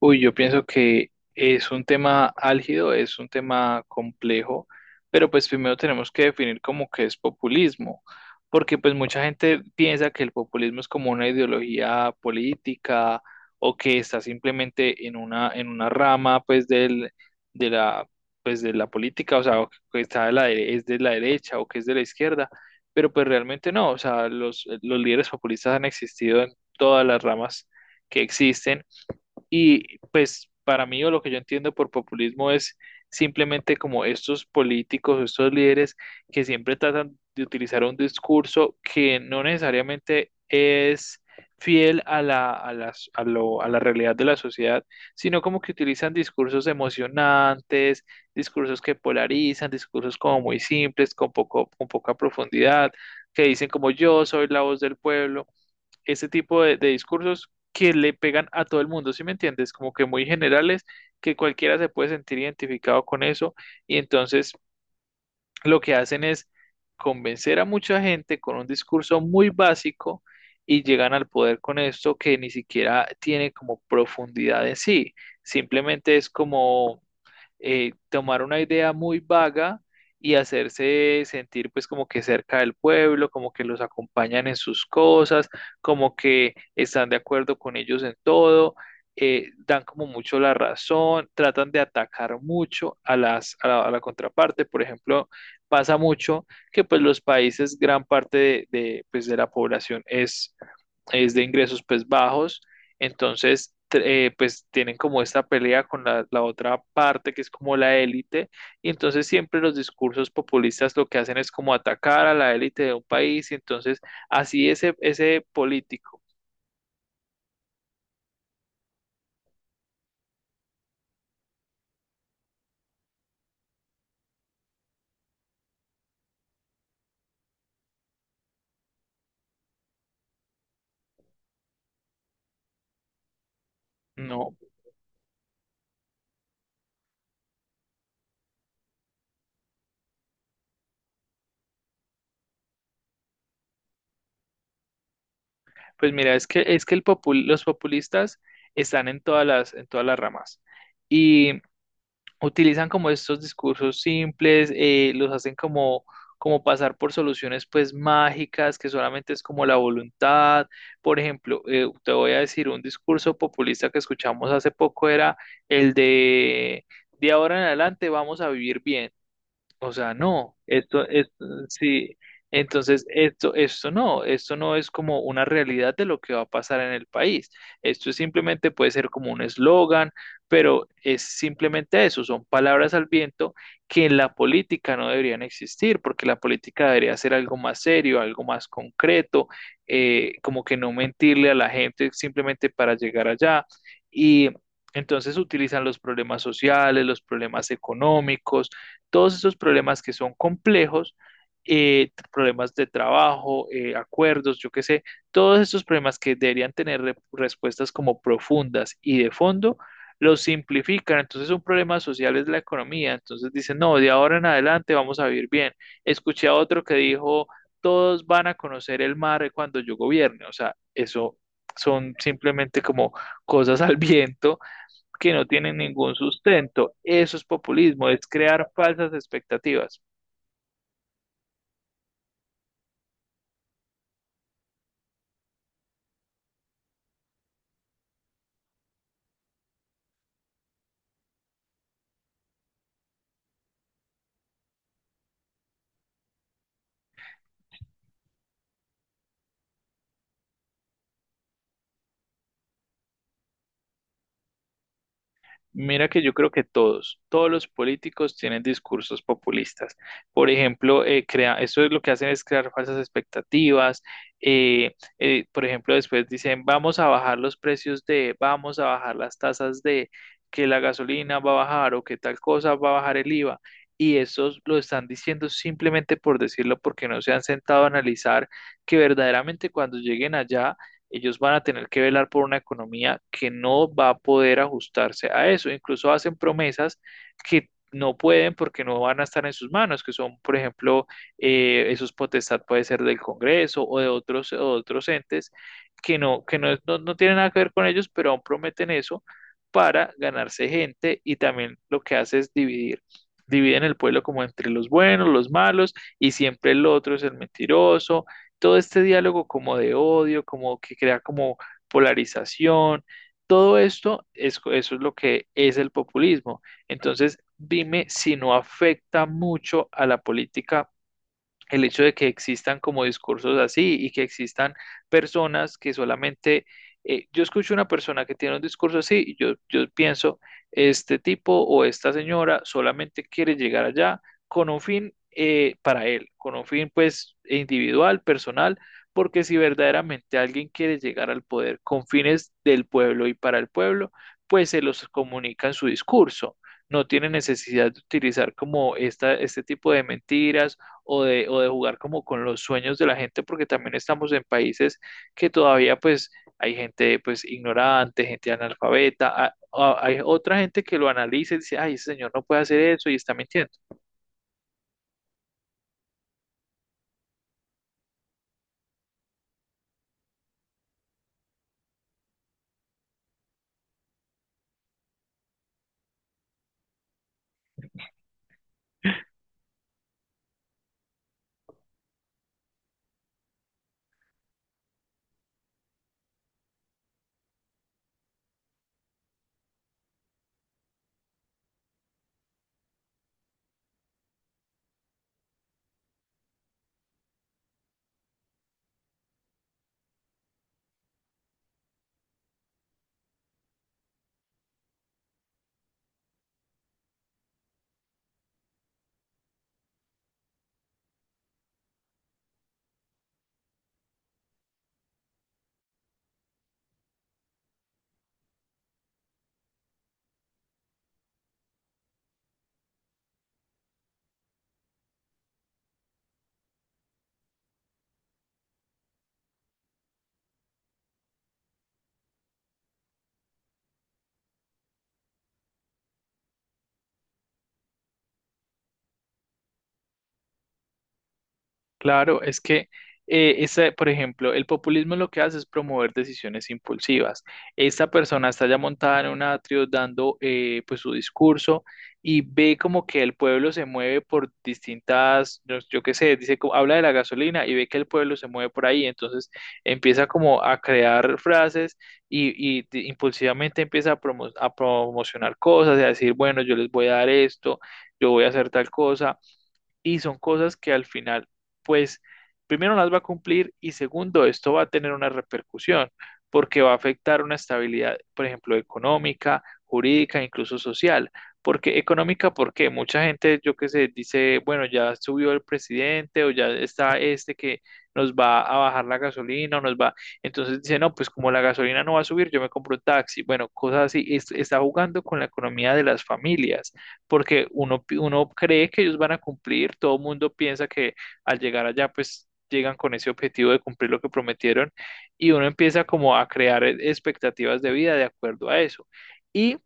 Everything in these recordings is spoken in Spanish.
Uy, yo pienso que es un tema álgido, es un tema complejo, pero pues primero tenemos que definir como que es populismo, porque pues mucha gente piensa que el populismo es como una ideología política o que está simplemente en una rama pues del, de la, pues de la política, o sea, o que está de la, es de la derecha o que es de la izquierda, pero pues realmente no, o sea, los líderes populistas han existido en todas las ramas que existen. Y pues para mí o lo que yo entiendo por populismo es simplemente como estos políticos, estos líderes que siempre tratan de utilizar un discurso que no necesariamente es fiel a la, a las- a lo- a la realidad de la sociedad, sino como que utilizan discursos emocionantes, discursos que polarizan, discursos como muy simples, con poco, con poca profundidad, que dicen como yo soy la voz del pueblo, ese tipo de discursos que le pegan a todo el mundo, ¿sí me entiendes? Como que muy generales, que cualquiera se puede sentir identificado con eso, y entonces lo que hacen es convencer a mucha gente con un discurso muy básico y llegan al poder con esto que ni siquiera tiene como profundidad en sí, simplemente es como tomar una idea muy vaga y hacerse sentir pues como que cerca del pueblo, como que los acompañan en sus cosas, como que están de acuerdo con ellos en todo, dan como mucho la razón, tratan de atacar mucho a las, a la contraparte. Por ejemplo, pasa mucho que pues los países, gran parte de, pues, de la población es de ingresos pues bajos, entonces pues tienen como esta pelea con la, la otra parte que es como la élite, y entonces siempre los discursos populistas lo que hacen es como atacar a la élite de un país, y entonces así ese, ese político. No, pues mira, es que los populistas están en todas las ramas. Y utilizan como estos discursos simples, los hacen como, como pasar por soluciones pues mágicas, que solamente es como la voluntad. Por ejemplo, te voy a decir un discurso populista que escuchamos hace poco era el de ahora en adelante vamos a vivir bien. O sea, no, esto, sí, entonces esto, esto no es como una realidad de lo que va a pasar en el país. Esto es simplemente puede ser como un eslogan, pero es simplemente eso, son palabras al viento que en la política no deberían existir, porque la política debería ser algo más serio, algo más concreto, como que no mentirle a la gente simplemente para llegar allá. Y entonces utilizan los problemas sociales, los problemas económicos, todos esos problemas que son complejos, problemas de trabajo, acuerdos, yo qué sé, todos esos problemas que deberían tener respuestas como profundas y de fondo, los simplifican. Entonces un problema social es la economía. Entonces dicen, no, de ahora en adelante vamos a vivir bien. Escuché a otro que dijo, todos van a conocer el mar cuando yo gobierne. O sea, eso son simplemente como cosas al viento que no tienen ningún sustento. Eso es populismo, es crear falsas expectativas. Mira que yo creo que todos, todos los políticos tienen discursos populistas. Por ejemplo, eso es lo que hacen es crear falsas expectativas. Por ejemplo, después dicen, vamos a bajar los precios de, vamos a bajar las tasas de, que la gasolina va a bajar o que tal cosa va a bajar el IVA. Y eso lo están diciendo simplemente por decirlo, porque no se han sentado a analizar que verdaderamente cuando lleguen allá ellos van a tener que velar por una economía que no va a poder ajustarse a eso. Incluso hacen promesas que no pueden porque no van a estar en sus manos, que son, por ejemplo, esos potestad puede ser del Congreso o de otros entes que no, no tienen nada que ver con ellos, pero aún prometen eso para ganarse gente, y también lo que hace es dividir, dividen el pueblo como entre los buenos, los malos, y siempre el otro es el mentiroso, todo este diálogo como de odio, como que crea como polarización, todo esto, es, eso es lo que es el populismo. Entonces, dime si no afecta mucho a la política el hecho de que existan como discursos así y que existan personas que solamente, yo escucho una persona que tiene un discurso así y yo pienso, este tipo o esta señora solamente quiere llegar allá con un fin para él, con un fin pues individual, personal, porque si verdaderamente alguien quiere llegar al poder con fines del pueblo y para el pueblo, pues se los comunica en su discurso, no tiene necesidad de utilizar como esta, este tipo de mentiras o de jugar como con los sueños de la gente, porque también estamos en países que todavía pues hay gente pues ignorante, gente analfabeta, hay otra gente que lo analiza y dice, ay, ese señor no puede hacer eso y está mintiendo. Claro, es que, por ejemplo, el populismo lo que hace es promover decisiones impulsivas. Esta persona está ya montada en un atrio dando pues su discurso y ve como que el pueblo se mueve por distintas, yo qué sé, dice, habla de la gasolina y ve que el pueblo se mueve por ahí, entonces empieza como a crear frases y, impulsivamente empieza a, a promocionar cosas y a decir, bueno, yo les voy a dar esto, yo voy a hacer tal cosa, y son cosas que al final, pues, primero no las va a cumplir y segundo, esto va a tener una repercusión porque va a afectar una estabilidad, por ejemplo, económica, jurídica, incluso social. Porque económica, porque mucha gente, yo qué sé, dice, bueno, ya subió el presidente o ya está este que nos va a bajar la gasolina o nos va, entonces dice, no, pues como la gasolina no va a subir, yo me compro un taxi. Bueno, cosas así. Está jugando con la economía de las familias porque uno, uno cree que ellos van a cumplir, todo el mundo piensa que al llegar allá, pues llegan con ese objetivo de cumplir lo que prometieron, y uno empieza como a crear expectativas de vida de acuerdo a eso. Y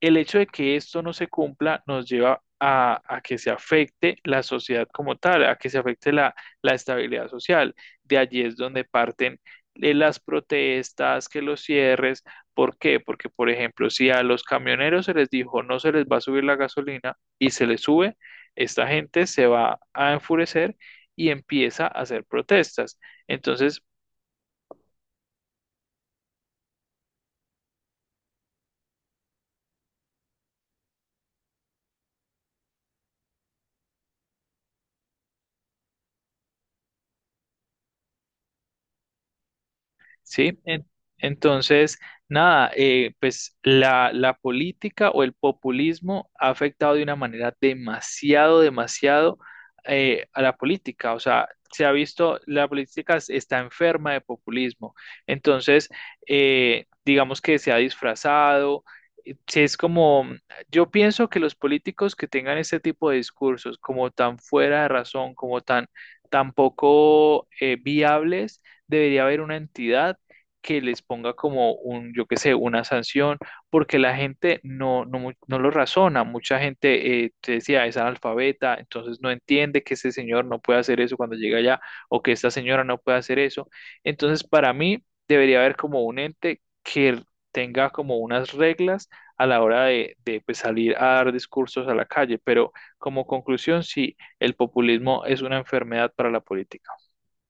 el hecho de que esto no se cumpla nos lleva a que se afecte la sociedad como tal, a que se afecte la, la estabilidad social. De allí es donde parten las protestas, que los cierres. ¿Por qué? Porque, por ejemplo, si a los camioneros se les dijo no se les va a subir la gasolina y se les sube, esta gente se va a enfurecer y empieza a hacer protestas. Entonces, ¿sí? Entonces, nada, pues la política o el populismo ha afectado de una manera demasiado, demasiado, a la política. O sea, se ha visto, la política está enferma de populismo. Entonces, digamos que se ha disfrazado. Sí, es como, mm, yo pienso que los políticos que tengan este tipo de discursos como tan fuera de razón, como tan, tan poco viables, debería haber una entidad que les ponga como un, yo qué sé, una sanción, porque la gente no, no, no lo razona. Mucha gente, te decía, es analfabeta, entonces no entiende que ese señor no puede hacer eso cuando llega allá o que esta señora no puede hacer eso. Entonces, para mí, debería haber como un ente que tenga como unas reglas a la hora de pues, salir a dar discursos a la calle. Pero como conclusión, sí, el populismo es una enfermedad para la política.